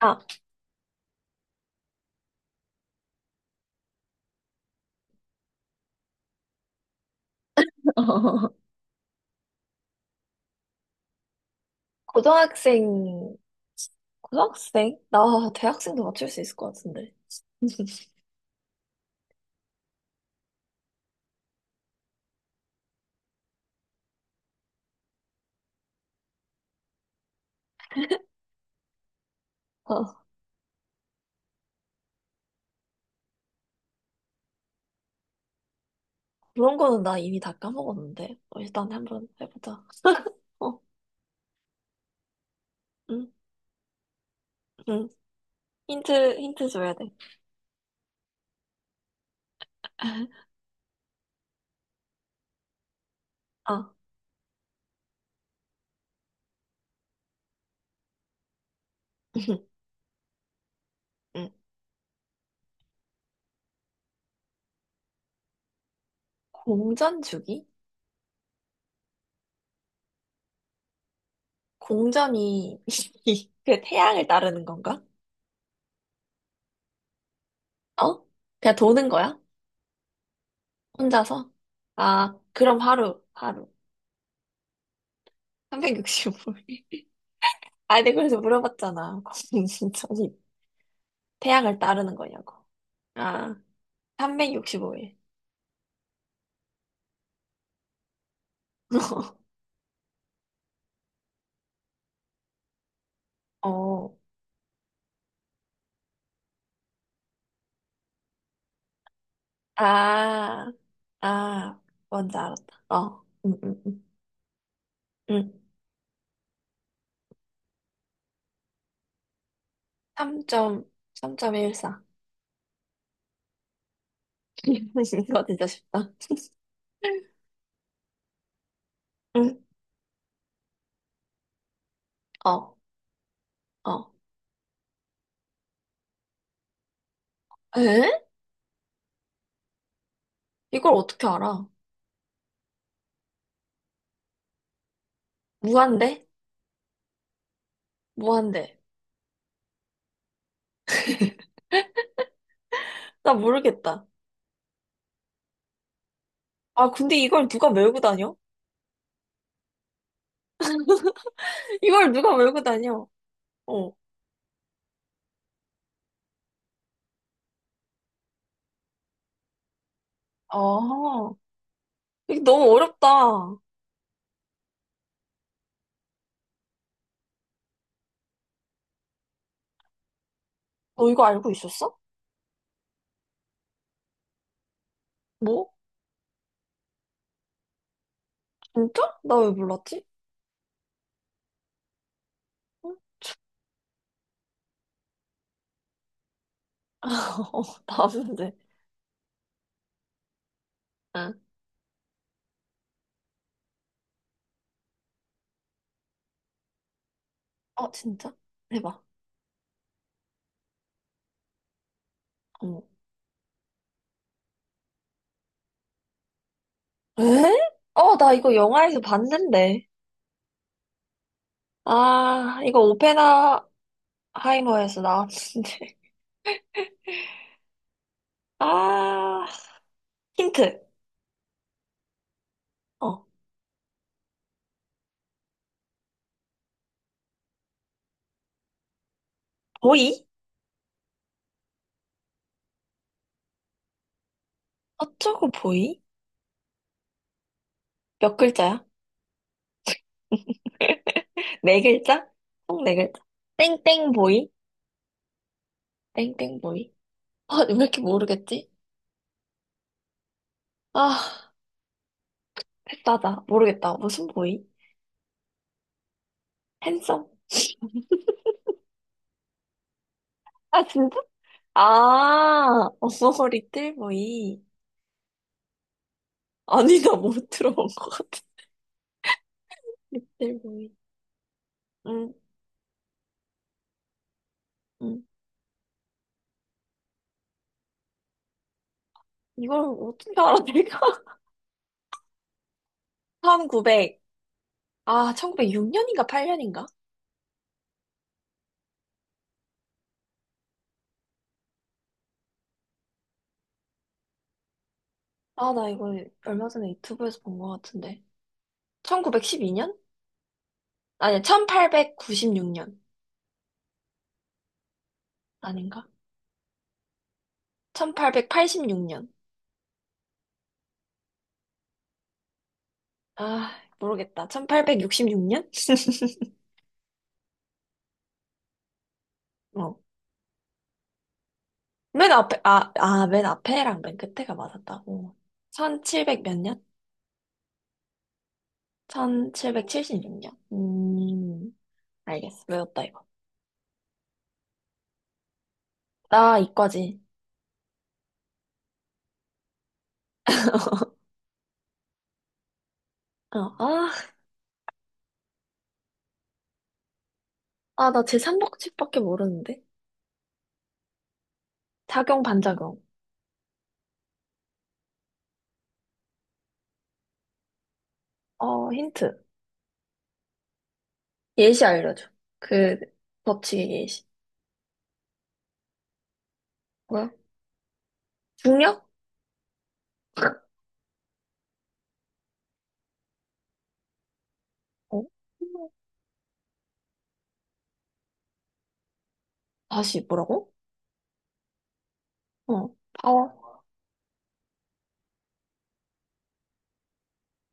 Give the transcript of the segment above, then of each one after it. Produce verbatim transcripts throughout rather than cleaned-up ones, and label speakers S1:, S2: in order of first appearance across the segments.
S1: 아, 고등학생, 고등학생? 나 대학생도 맞출 수 있을 것 같은데. 어, 그런 거는 나 이미 다 까먹었는데. 어, 일단 한번 해보자. 어, 응, 응. 힌트, 힌트 줘야 돼. 아, 응. 공전 주기? 공전이 그 태양을 따르는 건가? 어? 그냥 도는 거야? 혼자서? 아, 그럼 하루, 하루. 삼백육십오 일. 아니, 내가 그래서 물어봤잖아. 공전이 태양을 따르는 거냐고. 아, 삼백육십오 일. 어, 아, 아, 뭔지 알았다. 어, 응, 응, 응. 응. 삼 점 삼 점 일사. 이거 진짜 쉽다. 응, 어, 어. 에? 이걸 어떻게 알아? 무한대? 무한대. 나 모르겠다. 아, 근데 이걸 누가 메고 다녀? 이걸 누가 메고 다녀? 어, 아, 이게 너무 어렵다. 너 이거 알고 있었어? 뭐? 진짜? 나 왜 몰랐지? 어, 나쁜데. 응. 어, 진짜? 해봐. 어, 에? 어, 나 이거 영화에서 봤는데. 아, 이거 오펜하이머에서 나왔는데. 아, 힌트. 어, 보이? 어쩌고 보이? 몇 글자야? 네 글자? 총 네 글자. 땡땡 보이? 땡땡 보이? 아, 왜 이렇게 모르겠지? 아, 됐다다. 모르겠다. 무슨 보이? 핸섬? 아, 진짜? 아, 어머 리 틀 보이. 아니, 나 못 들어본 것 같아. 육 대일 보이. 응, 응. 이걸 어떻게 알아, 내가? 천구백. 아, 천구백육 년인가 팔 년인가? 아, 나 이거 얼마 전에 유튜브에서 본 것 같은데. 천구백십이 년? 아니, 천팔백구십육 년. 아닌가? 천팔백팔십육 년. 아, 모르겠다. 천팔백육십육 년? 어. 맨 앞에, 아, 아, 맨 앞에랑 맨 끝에가 맞았다고. 천칠백 몇 년? 천칠백칠십육 년. 음. 알겠어. 외웠다, 이거. 나 이과지. 어, 아, 아, 나 제삼법칙밖에 모르는데. 작용, 반작용. 어, 힌트. 예시 알려줘. 그, 법칙의 예시. 뭐야? 중력? 어? 다시, 뭐라고? 어, 파워.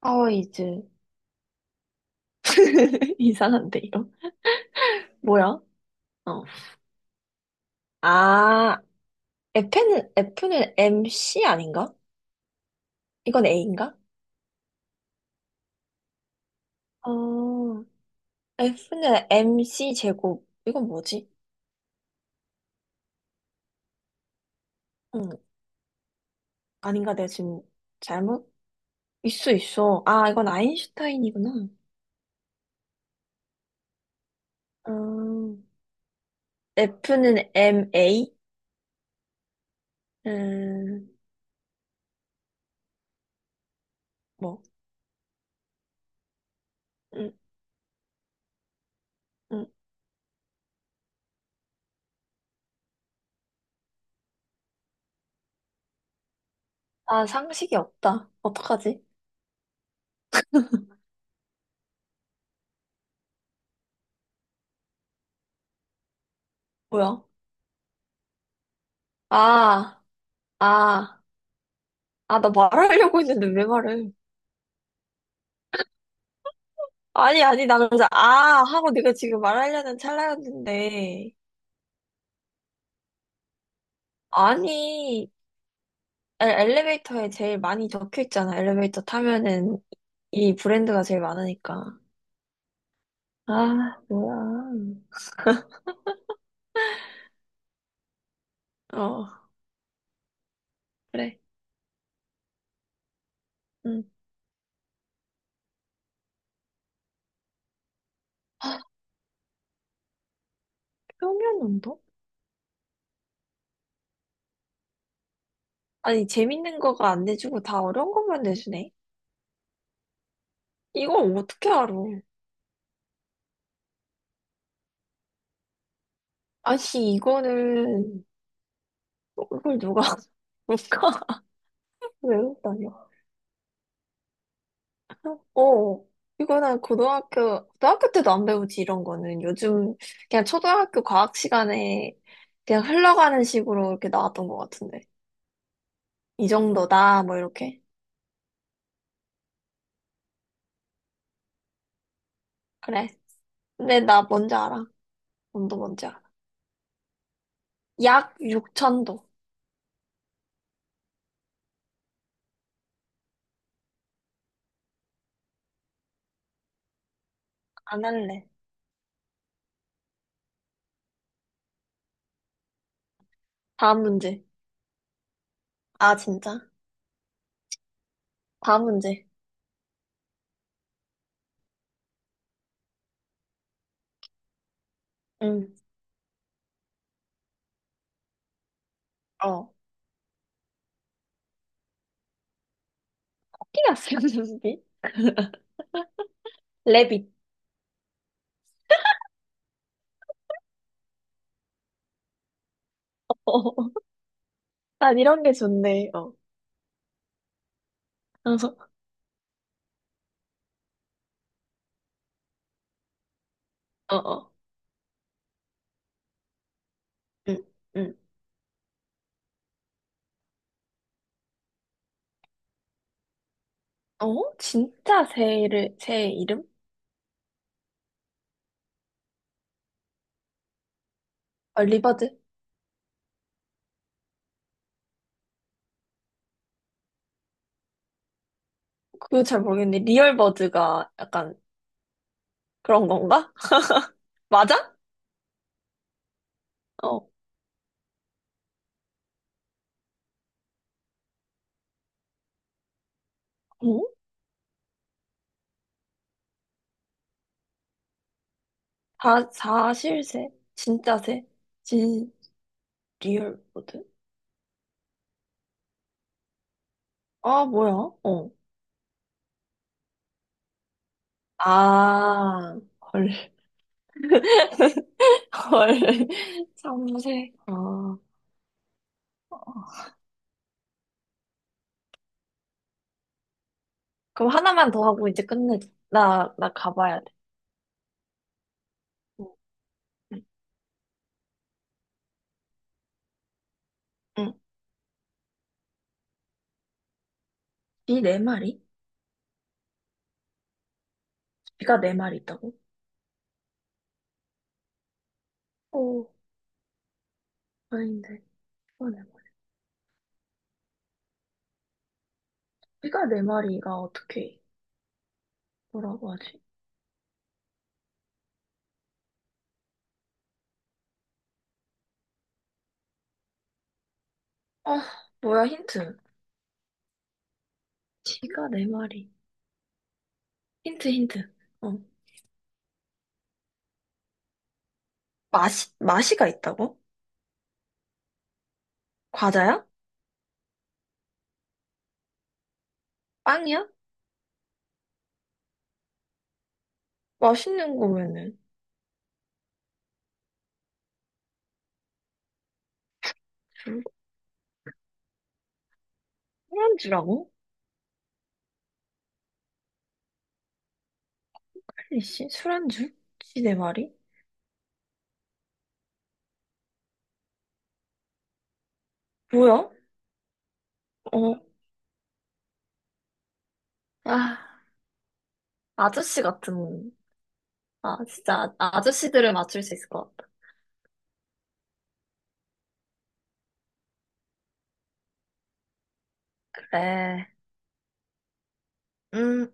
S1: 파워 이즈. 이상한데, 이거. 뭐야? 어. 아, F는, F는 엠씨 아닌가? 이건 A인가? 어, F는 엠씨 제곱. 이건 뭐지? 응. 아닌가? 내가 지금 잘못? 있어, 있어. 아, 이건 아인슈타인이구나. 음, F는 엠에이? 음, 뭐. 음, 음. 아, 상식이 없다. 어떡하지? 뭐야? 아, 아, 아, 나 말하려고 했는데 왜 말을? 아니, 아니, 나 그래서 아! 하고 네가 지금 말하려는 찰나였는데. 아니, 에- 엘리베이터에 제일 많이 적혀 있잖아. 엘리베이터 타면은 이 브랜드가 제일 많으니까. 아, 뭐야. 어, 그래. 응. 평면 운동? 아니, 재밌는 거가 안 내주고 다 어려운 것만 내주네. 이걸 어떻게 알아? 아니, 이거는, 이걸 누가, 누가 외우 다녀? 어, 이거는 고등학교, 고등학교 때도 안 배우지, 이런 거는. 요즘, 그냥 초등학교 과학 시간에 그냥 흘러가는 식으로 이렇게 나왔던 것 같은데. 이 정도다, 뭐 이렇게. 그래. 근데 나 뭔지 알아. 운도 뭔지 알아. 약 육천 도. 안 할래. 다음 문제. 아, 진짜? 다음 문제. 응. 어. 코끼리 아스랑 비 레빗. 어. 난 이런 게 좋네. 어. 그래서, 어, 어. 응, 응. 어? 진짜 새를, 새 이름? 아, 리버드? 그거 잘 모르겠는데. 리얼버드가 약간 그런 건가? 맞아? 어. 응? 사, 사실새? 진짜 새? 진, 리얼버드? 아, 뭐야? 어. 아, 헐. 헐, 참새. 어. 그럼 하나만 더 하고 이제 끝내자. 나, 나 가봐야 돼. 어, 응, 응. 비네 마리? 비가 네 마리 있다고? 오, 아닌데. 비가 네 마리. 비가 네 마리가 어떻게, 뭐라고 하지? 아, 뭐야, 힌트. 비가 네 마리. 힌트, 힌트. 어. 맛이, 맛이가 있다고? 과자야? 빵이야? 맛있는 거면은. 술- 술안주라고? 아니씨, 술안주? 지 네 마리? 뭐야? 어, 아. 아저씨 같은, 아, 진짜 아- 아저씨들을 맞출 수 있을 것 같다. 그래. 음,